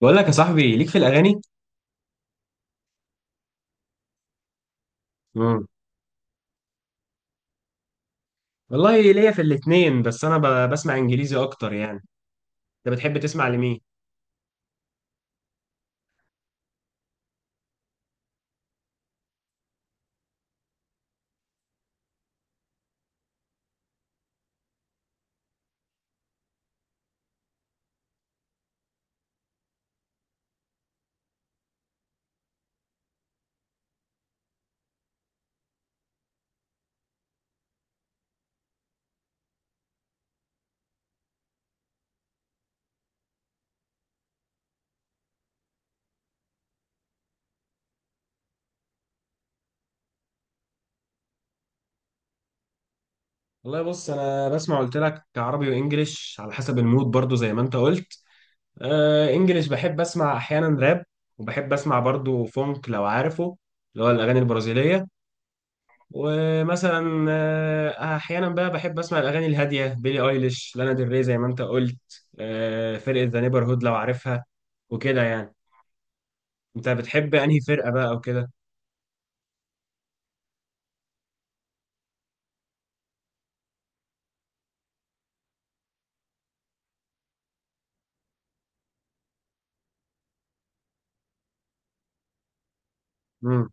بقول لك يا صاحبي، ليك في الاغاني. امم والله ليا في الاتنين، بس انا بسمع انجليزي اكتر يعني. انت بتحب تسمع لمين؟ والله بص، انا بسمع، قلت لك عربي وانجليش على حسب المود برضو زي ما انت قلت. انجليش، بحب اسمع احيانا راب، وبحب اسمع برضو فونك لو عارفه، اللي هو الاغاني البرازيليه. ومثلا احيانا بقى بحب اسمع الاغاني الهاديه، بيلي ايليش، لانا ديل ري، زي ما انت قلت. فرقه ذا نيبرهود لو عارفها، وكده يعني. انت بتحب انهي فرقه بقى او كده؟ امم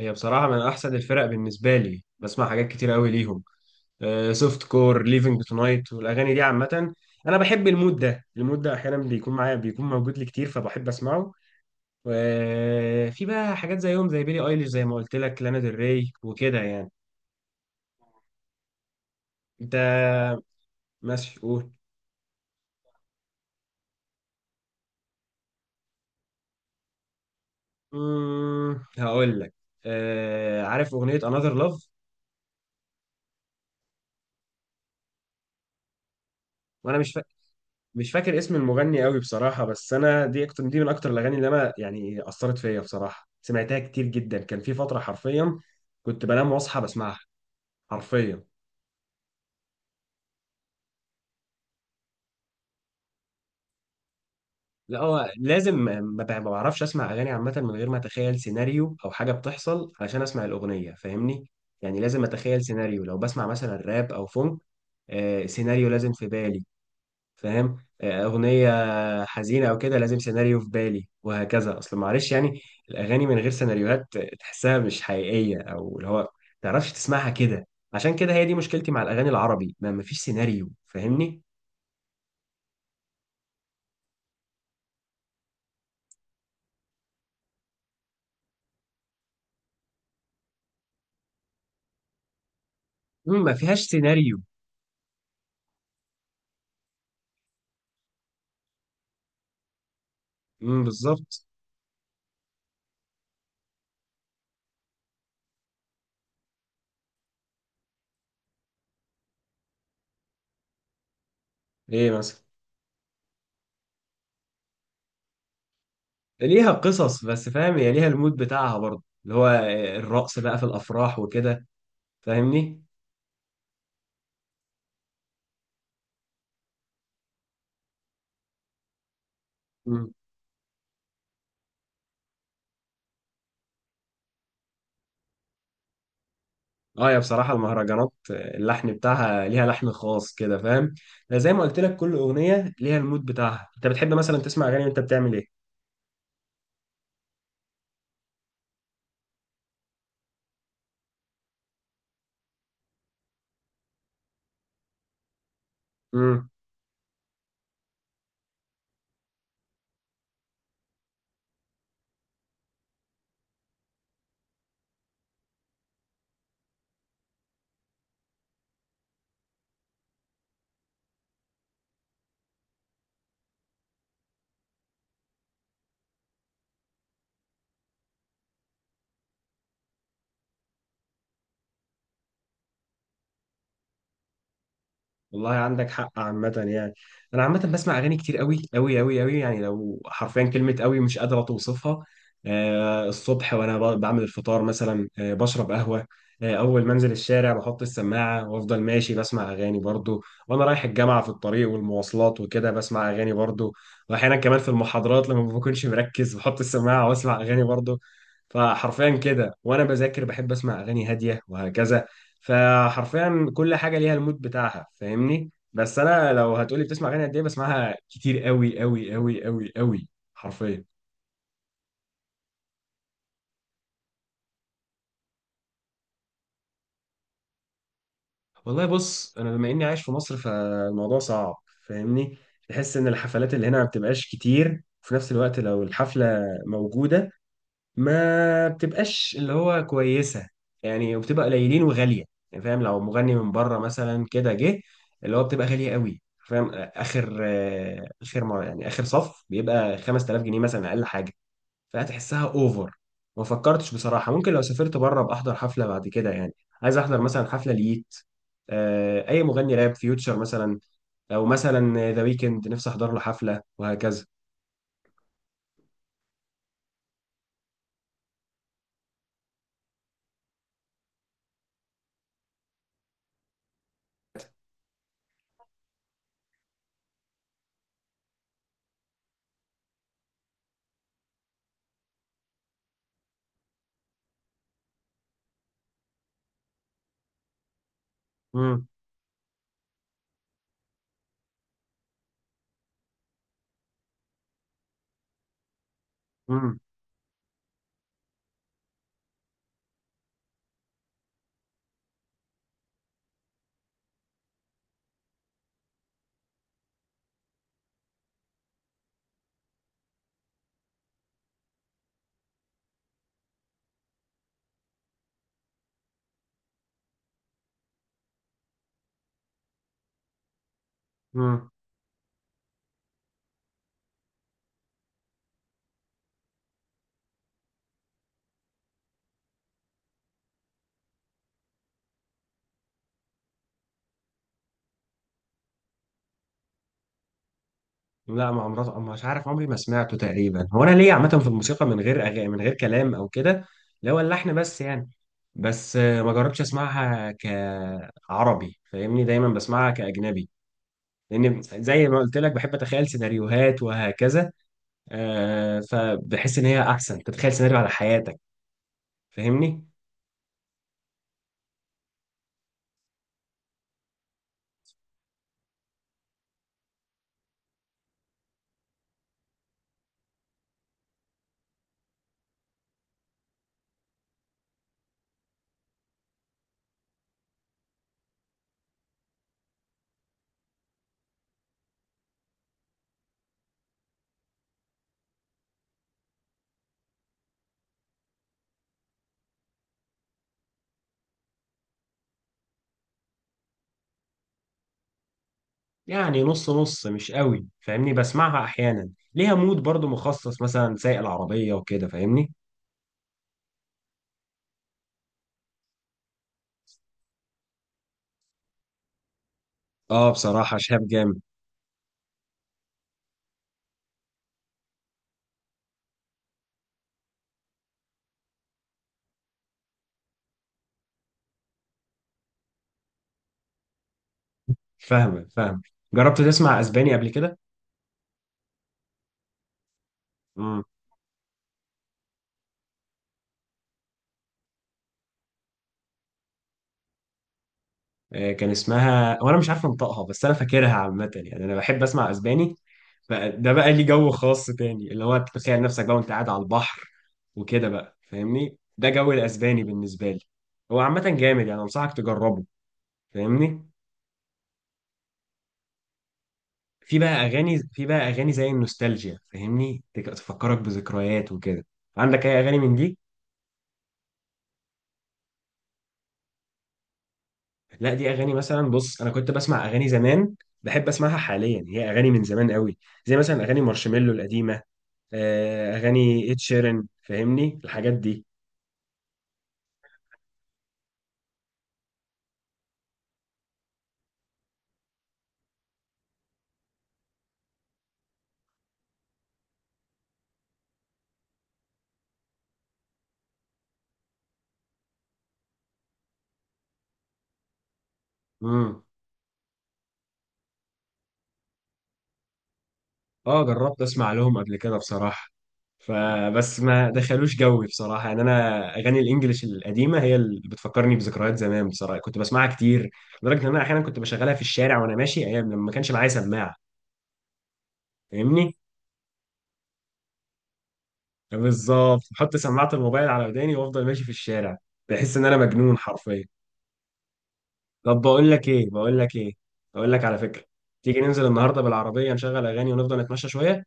هي بصراحه من احسن الفرق بالنسبه لي، بسمع حاجات كتير قوي ليهم. سوفت كور، ليفنج تونايت، والاغاني دي عامه. انا بحب المود ده، المود ده احيانا بيكون معايا، بيكون موجود لي كتير فبحب اسمعه. وفي بقى حاجات زيهم، زي بيلي ايليش، زي ما قلت لك لانا ديل ري، وكده يعني. انت؟ ماشي قول. هقول لك. عارف اغنيه Another Love؟ وانا مش فاكر اسم المغني قوي بصراحة. بس أنا دي أكتر، دي من أكتر الأغاني اللي أنا يعني أثرت فيا بصراحة، سمعتها كتير جدا، كان في فترة حرفيا كنت بنام وأصحى بسمعها، حرفيا. لا، هو لازم، ما بعرفش أسمع أغاني عامة من غير ما أتخيل سيناريو أو حاجة بتحصل علشان أسمع الأغنية، فاهمني. يعني لازم أتخيل سيناريو لو بسمع مثلا راب أو فونك. سيناريو لازم في بالي. فاهم؟ أغنية حزينة أو كده لازم سيناريو في بالي وهكذا، أصل معلش يعني. الأغاني من غير سيناريوهات تحسها مش حقيقية، أو اللي هو متعرفش تسمعها كده. عشان كده هي دي مشكلتي مع الأغاني العربي، ما مفيش سيناريو، فاهمني؟ مم، ما فيهاش سيناريو. مم، بالظبط. إيه مثلا؟ ليها قصص، بس فاهم، هي ليها المود بتاعها برضه، اللي هو الرقص بقى في الأفراح وكده، فاهمني؟ اه يا، بصراحة المهرجانات اللحن بتاعها ليها لحن خاص كده، فاهم؟ زي ما قلت لك كل أغنية ليها المود بتاعها. انت بتحب مثلا تسمع أغاني وانت بتعمل ايه؟ امم. والله عندك حق عامة يعني. أنا عامة بسمع أغاني كتير أوي أوي أوي أوي، يعني لو حرفيا كلمة أوي مش قادرة توصفها. الصبح وأنا بعمل الفطار مثلا، بشرب قهوة. أول ما أنزل الشارع بحط السماعة وأفضل ماشي بسمع أغاني برضو، وأنا رايح الجامعة في الطريق والمواصلات وكده بسمع أغاني برضو. وأحيانا كمان في المحاضرات لما ما بكونش مركز بحط السماعة وأسمع أغاني برضو. فحرفيا كده وأنا بذاكر بحب أسمع أغاني هادية وهكذا. فحرفيا كل حاجه ليها المود بتاعها، فاهمني. بس انا لو هتقولي بتسمع اغاني قد ايه، بسمعها كتير قوي قوي قوي قوي قوي، حرفيا. والله بص، انا بما اني عايش في مصر فالموضوع صعب، فاهمني. تحس ان الحفلات اللي هنا ما بتبقاش كتير، وفي نفس الوقت لو الحفله موجوده ما بتبقاش اللي هو كويسة، يعني وبتبقى قليلين وغالية يعني. فاهم، لو مغني من بره مثلا كده جه، اللي هو بتبقى غالية قوي. فاهم؟ آخر آه، آخر مر- يعني آخر صف بيبقى 5000 جنيه مثلا أقل حاجة، فهتحسها أوفر. ما فكرتش بصراحة، ممكن لو سافرت بره بأحضر حفلة بعد كده يعني. عايز أحضر مثلا حفلة ليت، أي مغني راب، فيوتشر مثلا، أو مثلا ذا ويكند نفسي أحضر له حفلة وهكذا. مم. مم. لا، ما عمري، مش عارف عمري ما سمعته تقريبا. هو انا ليا عامه في الموسيقى من غير أغاني، من غير كلام او كده، اللي هو اللحن بس يعني. بس ما جربتش اسمعها كعربي، فاهمني، دايما بسمعها كاجنبي، لان زي ما قلت لك بحب اتخيل سيناريوهات وهكذا. فبحس ان هي احسن تتخيل سيناريو على حياتك، فاهمني. يعني نص نص، مش قوي فاهمني، بسمعها احيانا. ليها مود برضو مخصص، مثلا سايق العربيه وكده، فاهمني. اه بصراحه شهاب جامد. فاهمك فاهم. جربت تسمع اسباني قبل كده؟ امم كان اسمها وانا مش عارف انطقها، بس انا فاكرها عامه، يعني انا بحب اسمع اسباني. فده بقى لي جو خاص تاني، اللي هو تتخيل نفسك بقى وانت قاعد على البحر وكده بقى، فاهمني، ده جو الاسباني بالنسبه لي. هو عامه جامد يعني، انصحك تجربه، فاهمني. في بقى اغاني زي النوستالجيا، فاهمني، تفكرك بذكريات وكده. عندك اي اغاني من دي؟ لا، دي اغاني مثلا، بص انا كنت بسمع اغاني زمان بحب اسمعها حاليا، هي اغاني من زمان قوي، زي مثلا اغاني مارشميلو القديمه، اغاني اد شيرن، فاهمني الحاجات دي. امم. اه، جربت اسمع لهم قبل كده بصراحه، فبس ما دخلوش جوي بصراحه، يعني انا اغاني الانجليش القديمه هي اللي بتفكرني بذكريات زمان، بصراحه كنت بسمعها كتير، لدرجه ان انا احيانا كنت بشغلها في الشارع وانا ماشي ايام لما ما كانش معايا سماعه. فاهمني. بالظبط، احط سماعه الموبايل على وداني وافضل ماشي في الشارع، بحس ان انا مجنون حرفيا. طب بقول لك ايه، بقول لك ايه، بقول لك على فكره، تيجي ننزل النهارده بالعربيه نشغل اغاني ونفضل نتمشى شويه؟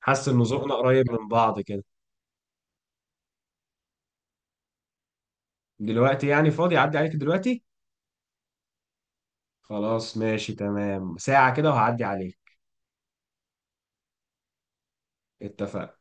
حاسس ان ذوقنا قريب من بعض كده. دلوقتي يعني؟ فاضي، اعدي عليك دلوقتي؟ خلاص ماشي تمام، ساعه كده وهعدي عليك. اتفقنا.